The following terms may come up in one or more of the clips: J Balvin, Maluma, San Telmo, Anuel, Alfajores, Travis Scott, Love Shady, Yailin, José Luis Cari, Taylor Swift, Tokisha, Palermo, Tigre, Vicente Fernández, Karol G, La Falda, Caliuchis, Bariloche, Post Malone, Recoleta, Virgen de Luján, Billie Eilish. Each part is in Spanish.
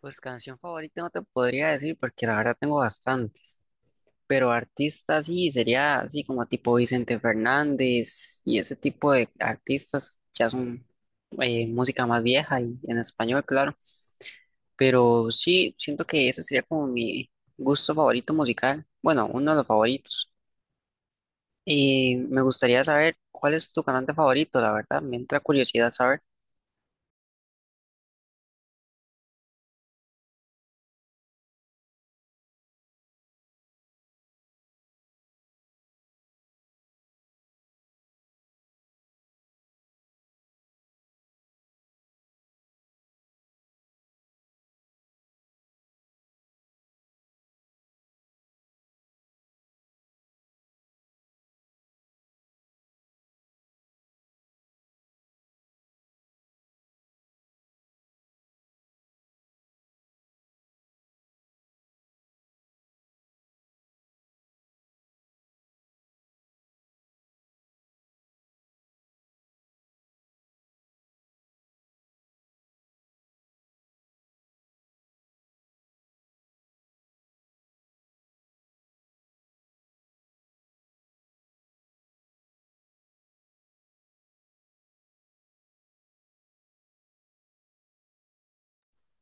Pues canción favorita no te podría decir porque la verdad tengo bastantes, pero artistas sí, sería así como tipo Vicente Fernández y ese tipo de artistas ya son música más vieja y en español, claro, pero sí, siento que ese sería como mi gusto favorito musical, bueno, uno de los favoritos. Y me gustaría saber cuál es tu cantante favorito, la verdad, me entra curiosidad saber.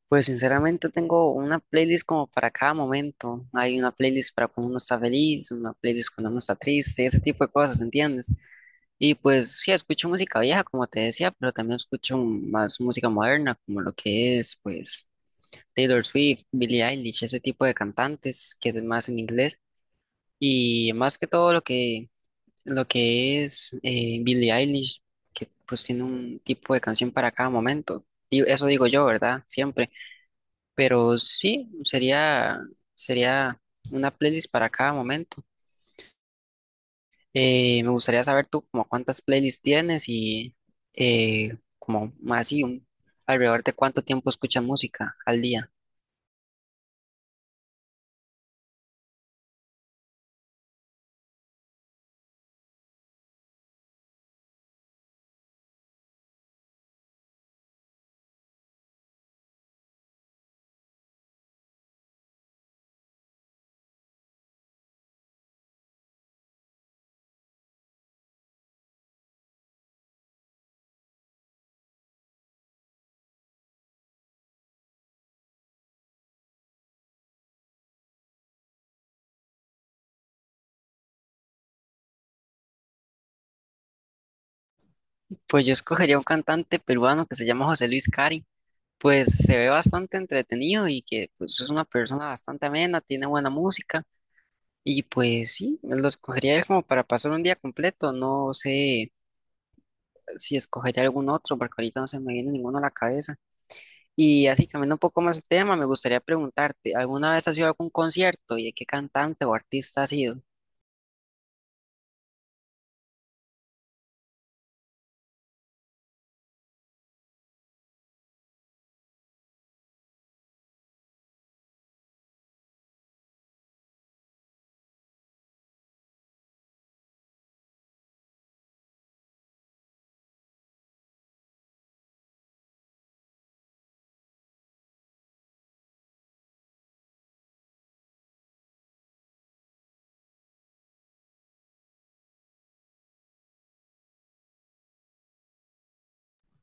Pues sinceramente tengo una playlist como para cada momento. Hay una playlist para cuando uno está feliz, una playlist cuando uno está triste, ese tipo de cosas, ¿entiendes? Y pues sí, escucho música vieja, como te decía, pero también escucho más música moderna, como lo que es, pues, Taylor Swift, Billie Eilish, ese tipo de cantantes que es más en inglés. Y más que todo lo que es Billie Eilish, que pues tiene un tipo de canción para cada momento. Y eso digo yo, ¿verdad? Siempre. Pero sí, sería una playlist para cada momento. Me gustaría saber tú como cuántas playlists tienes y como más así, alrededor de cuánto tiempo escuchas música al día. Pues yo escogería un cantante peruano que se llama José Luis Cari. Pues se ve bastante entretenido y que pues, es una persona bastante amena, tiene buena música y pues sí, lo escogería como para pasar un día completo. No sé si escogería algún otro porque ahorita no se me viene ninguno a la cabeza. Y así, cambiando un poco más el tema, me gustaría preguntarte, ¿alguna vez has ido a algún concierto y de qué cantante o artista has sido?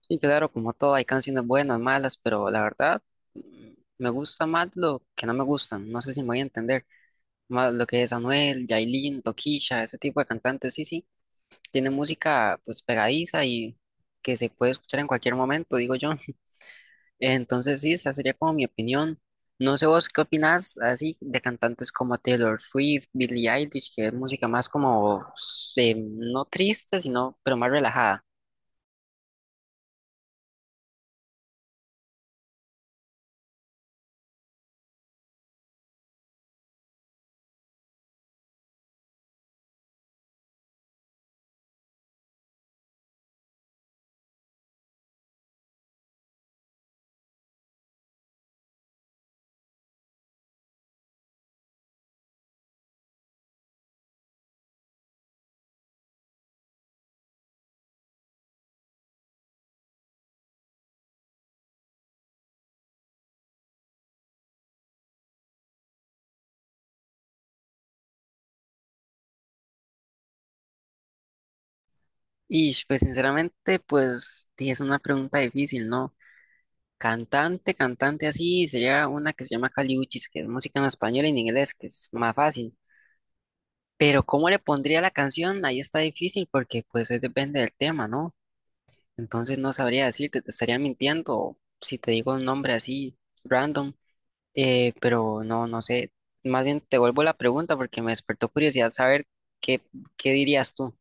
Sí, claro, como todo, hay canciones buenas, malas, pero la verdad, mm, me gusta más lo que no me gustan, no sé si me voy a entender, más lo que es Anuel, Yailin, Tokisha, ese tipo de cantantes, sí, sí, tiene música pues pegadiza y que se puede escuchar en cualquier momento, digo yo. Entonces sí, esa sería como mi opinión. No sé vos qué opinás así de cantantes como Taylor Swift, Billie Eilish, que es música más como no triste, sino pero más relajada. Y pues sinceramente, pues sí, es una pregunta difícil, ¿no? Cantante así, sería una que se llama Caliuchis, que es música en español y en inglés, que es más fácil. Pero cómo le pondría la canción, ahí está difícil porque pues depende del tema, ¿no? Entonces no sabría decirte, te estaría mintiendo si te digo un nombre así random, pero no, no sé. Más bien te vuelvo la pregunta porque me despertó curiosidad saber qué, qué dirías tú.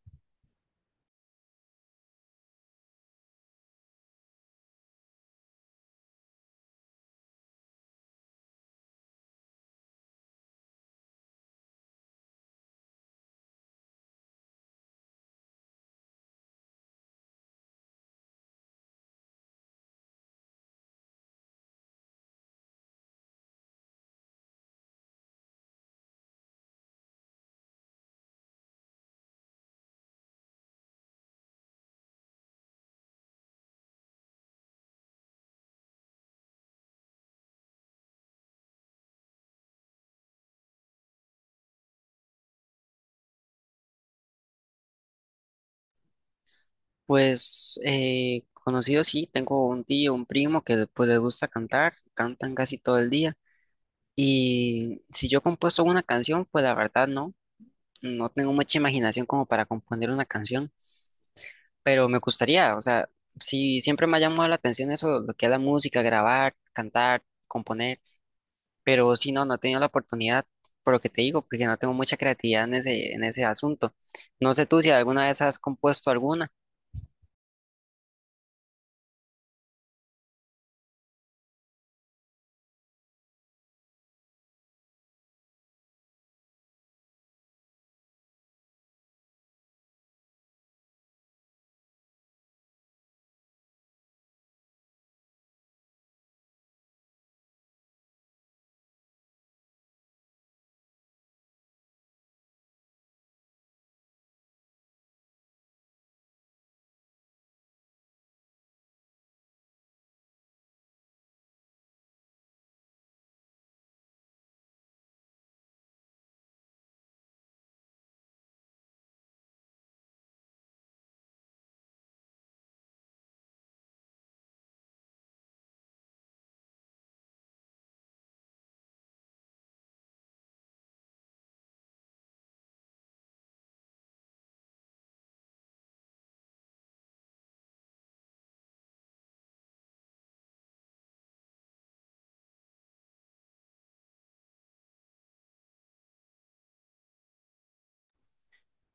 Pues conocido sí, tengo un tío, un primo que pues les gusta cantar, cantan casi todo el día. Y si yo he compuesto una canción, pues la verdad no, no tengo mucha imaginación como para componer una canción. Pero me gustaría, o sea, sí, siempre me ha llamado la atención eso, lo que es la música, grabar, cantar, componer, pero si no, no he tenido la oportunidad, por lo que te digo, porque no tengo mucha creatividad en en ese asunto. No sé tú si alguna vez has compuesto alguna.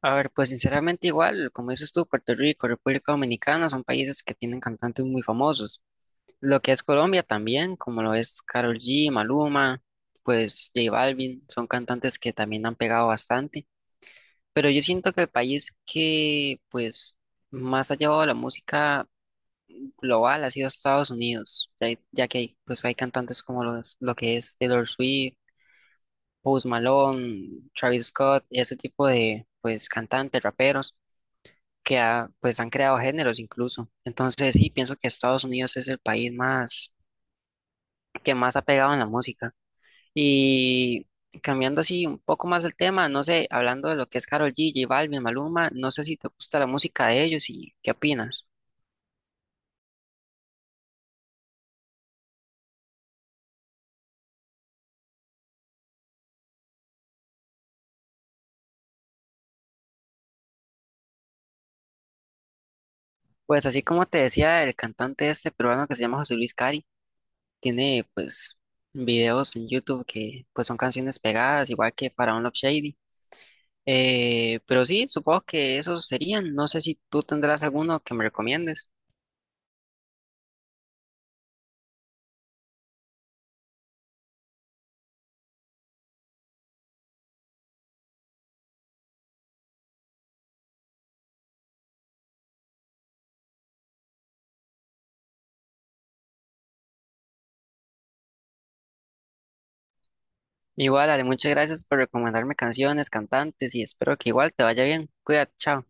A ver, pues sinceramente igual, como dices tú, Puerto Rico, República Dominicana son países que tienen cantantes muy famosos. Lo que es Colombia también, como lo es Karol G, Maluma, pues J Balvin, son cantantes que también han pegado bastante. Pero yo siento que el país más ha llevado la música global ha sido Estados Unidos, ya que hay, pues, hay cantantes como lo que es Taylor Swift, Post Malone, Travis Scott, ese tipo de, pues, cantantes, raperos, que pues, han creado géneros incluso. Entonces, sí, pienso que Estados Unidos es el país que más ha pegado en la música. Y cambiando así un poco más el tema, no sé, hablando de lo que es Karol G, J Balvin, Maluma, no sé si te gusta la música de ellos y qué opinas. Pues así como te decía, el cantante este peruano que se llama José Luis Cari, tiene pues videos en YouTube que pues son canciones pegadas, igual que para Love Shady. Pero sí, supongo que esos serían, no sé si tú tendrás alguno que me recomiendes. Igual, Ale, muchas gracias por recomendarme canciones, cantantes y espero que igual te vaya bien. Cuídate, chao.